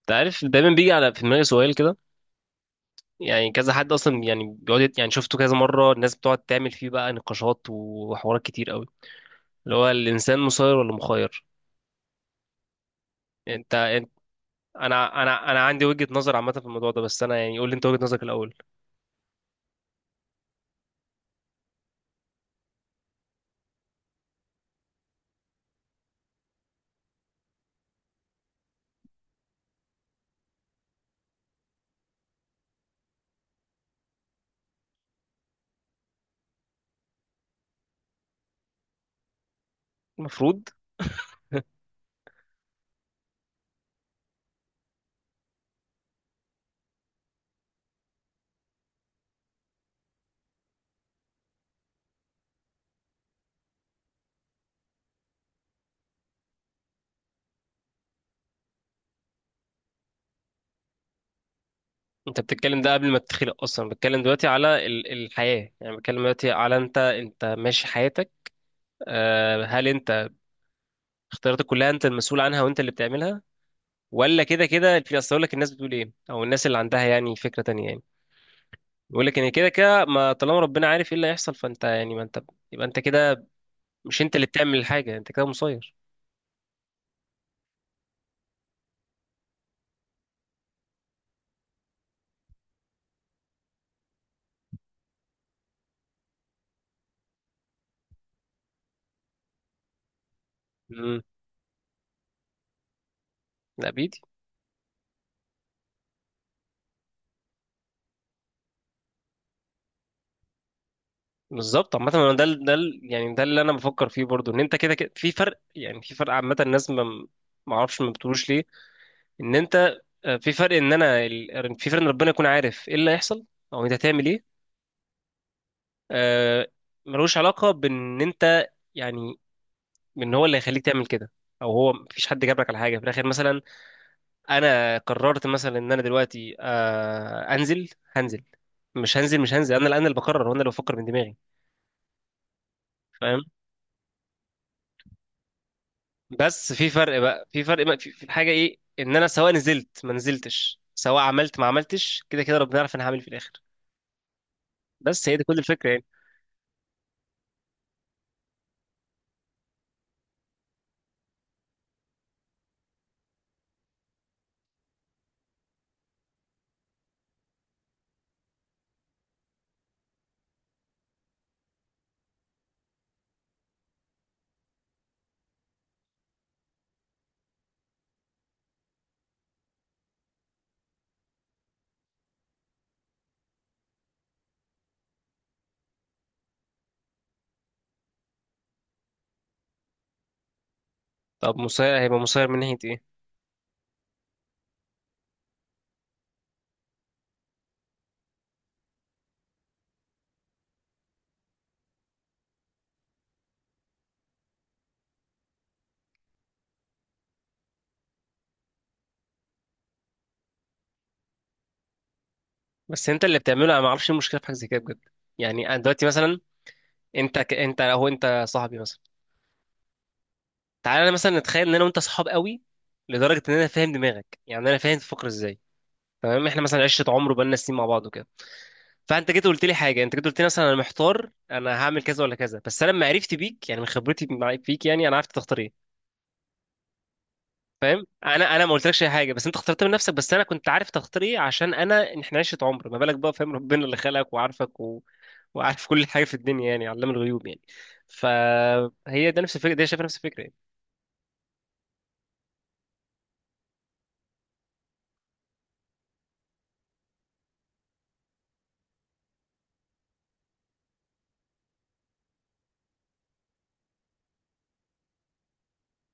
انت عارف دايما بيجي على في دماغي سؤال كده. يعني كذا حد اصلا يعني بيقعد يعني شفته كذا مره الناس بتقعد تعمل فيه بقى نقاشات وحوارات كتير قوي، اللي هو الانسان مسير ولا مخير؟ انت. انا عندي وجهه نظر عامه في الموضوع ده، بس انا يعني قول لي انت وجهه نظرك الاول. المفروض. انت بتتكلم ده قبل ما تتخلق اصلا، بتكلم دلوقتي على الحياه، يعني بتكلم دلوقتي على انت ماشي حياتك. آه، هل انت اختياراتك كلها انت المسؤول عنها وانت اللي بتعملها، ولا كده كده في اصل؟ أقول لك الناس بتقول ايه او الناس اللي عندها يعني فكره تانية يعني. بيقول لك ان كده كده ما طالما ربنا عارف ايه اللي هيحصل، فانت يعني ما انت، يبقى انت كده مش انت اللي بتعمل الحاجه، انت كده مسير. امم. لا بيدي. بالظبط. عامه انا ده ده يعني ده اللي انا بفكر فيه برضو، ان انت كده كده في فرق، يعني في فرق. عامه الناس ما اعرفش ما بتقولوش ليه ان انت، آه، في فرق ان انا في فرق ان ربنا يكون عارف ايه اللي هيحصل او انت هتعمل ايه. آه، ملوش علاقه بان انت يعني ان هو اللي هيخليك تعمل كده، او هو مفيش حد جابلك على حاجه في الاخر مثلا. انا قررت مثلا ان انا دلوقتي، آه، انزل، هنزل، مش هنزل، مش هنزل، انا اللي بقرر وانا اللي بفكر من دماغي. فاهم؟ بس في فرق بقى، في فرق بقى، في حاجه ايه، ان انا سواء نزلت ما نزلتش، سواء عملت ما عملتش، كده كده ربنا يعرف انا هعمل إيه في الاخر. بس هي دي كل الفكره يعني. طب مصير، هيبقى مصير من ناحيه ايه؟ بس انت اللي بتعمله، انا ما اعرفش إيه المشكله في حاجه زي كده بجد. يعني انا دلوقتي مثلا، انت هو انت صاحبي مثلا، تعالى انا مثلا نتخيل ان انا وانت صحاب قوي لدرجه ان انا فاهم دماغك، يعني انا فاهم تفكر ازاي. تمام، احنا مثلا عشره عمر وبقالنا سنين مع بعض وكده، فانت جيت قلت لي حاجه، انت جيت قلت لي مثلا انا محتار انا هعمل كذا ولا كذا، بس انا لما عرفت بيك يعني من خبرتي فيك، يعني انا عرفت تختار ايه. فاهم؟ انا ما قلتلكش اي حاجه، بس انت اخترت من نفسك، بس انا كنت عارف تختار ايه عشان انا احنا عشره عمر. ما بالك بقى، فاهم، ربنا اللي خلقك وعارفك وعارف كل حاجه في الدنيا، يعني علام الغيوب يعني. فهي ده نفس الفكره دي، شايفه نفس الفكره يعني.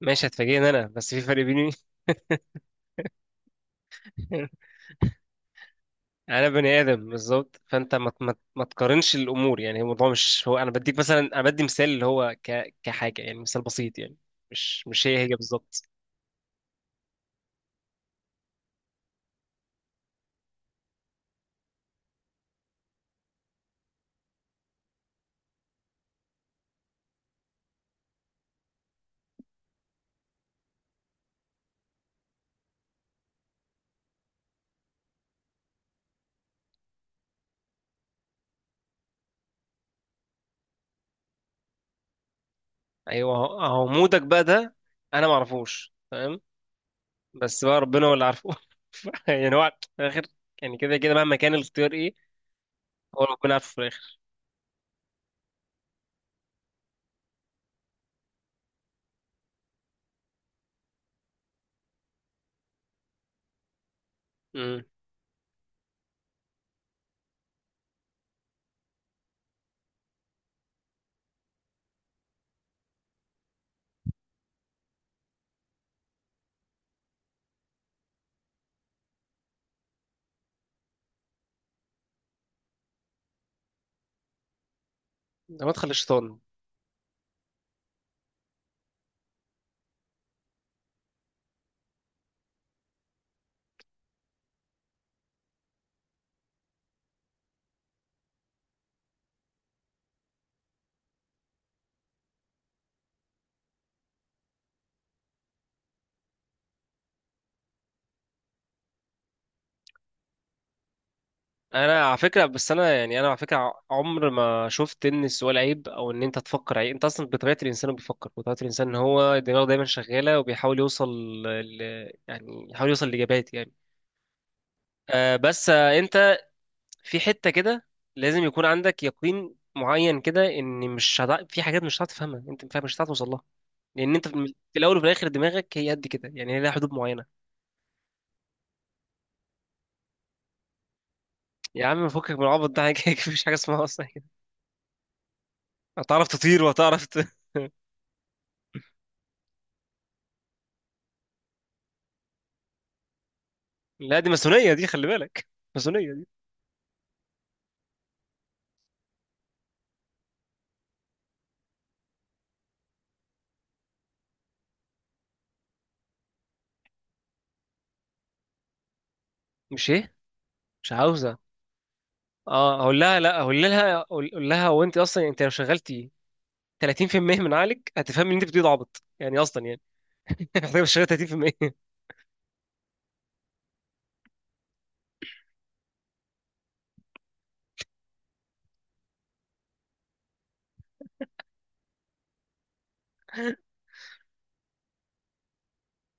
ماشي هتفاجئني انا، بس في فرق بيني. يعني انا بني ادم بالظبط، فانت ما تقارنش الامور، يعني هو الموضوع مش هو، انا بديك مثلا، انا بدي مثال اللي هو كحاجه، يعني مثال بسيط يعني. مش مش هي هي بالظبط. ايوه هو هو مودك بقى ده، انا ما اعرفوش. تمام. بس بقى ربنا هو اللي عارفه. يعني هو في الاخر، يعني كده كده مهما كان الاختيار ايه، هو ربنا عارفه في الاخر. امم. ده مدخل الشيطان. انا على فكره، بس انا يعني انا على فكره، عمر ما شفت ان السؤال عيب او ان انت تفكر عيب. انت اصلا بطبيعه الانسان بيفكر، بطبيعه الانسان ان هو دماغه دايما شغاله وبيحاول يوصل ل... يعني يحاول يوصل لاجابات يعني. آه، بس آه انت في حته كده لازم يكون عندك يقين معين كده ان مش هتع... في حاجات مش هتعرف تفهمها، انت مش فاهم- مش هتعرف توصل لها، لان انت في الاول وفي الاخر دماغك هي قد كده، يعني هي لها حدود معينه. يا عم فكك من العبط ده، مفيش حاجه اسمها اصلا كده. هتعرف تطير وهتعرف. لا، دي ماسونية دي، خلي بالك. ماسونية دي. مش ايه؟ مش عاوزة. اه، اقول لها لا، اقول لها اقول أقول لها، هو انت اصلا انت لو شغلتي 30% من عقلك هتفهمي ان انت بتقولي ده عبط يعني اصلا يعني. محتاجة تشتغلي 30%.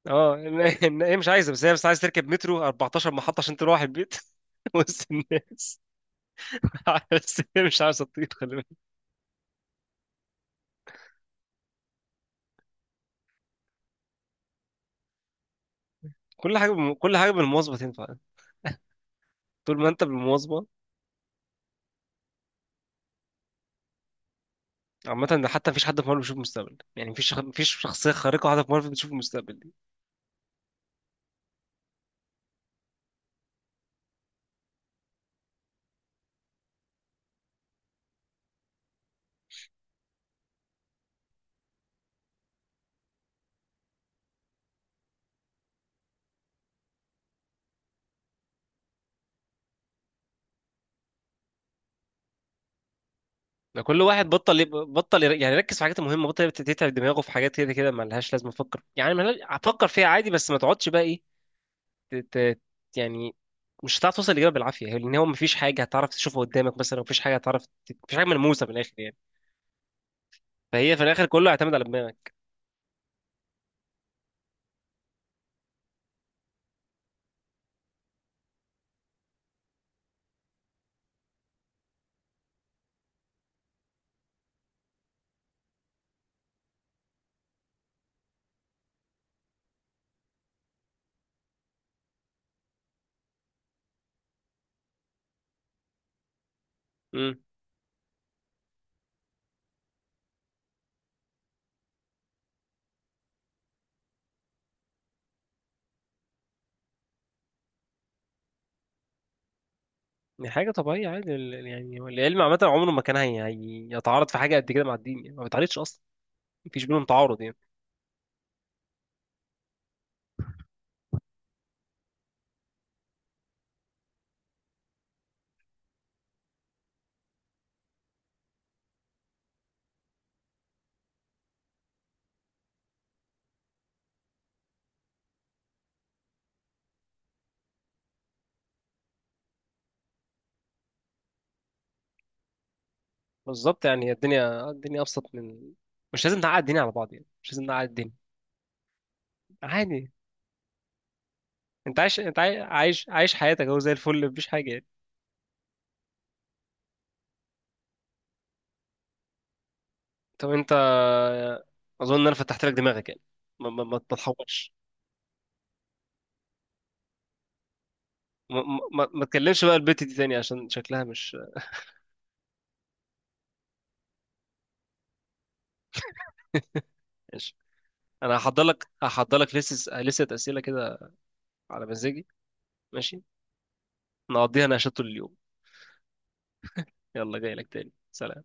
اه، إن هي مش عايزة، بس عايزة تركب مترو 14 محطة عشان تروح البيت، وسط الناس، بس هي مش عايزة تطير، خلي بالك. كل حاجة بالمواظبة تنفع، طول ما انت بالمواظبة. عامة، ده حتى مفيش حد في مارفل بيشوف المستقبل، يعني مفيش شخصية خارقة واحدة في مارفل بتشوف المستقبل. ده كل واحد بطل يب- بطل ير- يعني يركز في الحاجات المهمه، يتعب دماغه في حاجات كده كده ما لهاش لازمه افكر يعني ما لها- افكر فيها عادي، بس ما تقعدش بقى ايه، ت- ت- يعني مش هتعرف توصل للاجابه بالعافيه، لان هو ما فيش حاجه هتعرف تشوفها قدامك مثلا، ما فيش حاجه ما فيش حاجه ملموسه من الاخر يعني. فهي في الاخر كله يعتمد على دماغك. امم. دي حاجه طبيعيه عادي، يعني هو العلم عامه عمره ما كان هيتعارض في حاجه قد كده مع الدين، يعني ما بيتعارضش اصلا، ما فيش بينهم تعارض يعني. بالظبط، يعني الدنيا، الدنيا ابسط من، مش لازم نعقد الدنيا على بعض، يعني مش لازم نعقد الدنيا. عادي. انت عايش، انت عايش حياتك اهو زي الفل، مفيش حاجه يعني. طب انت، اظن ان انا فتحت لك دماغك يعني، ما تتحورش. ما ما تكلمش بقى البت دي تاني عشان شكلها مش. ماشي، انا هحضر لك لسه، لسه اسئله كده على مزاجي، ماشي. نقضيها نقاشات طول اليوم. يلا جاي لك تاني، سلام.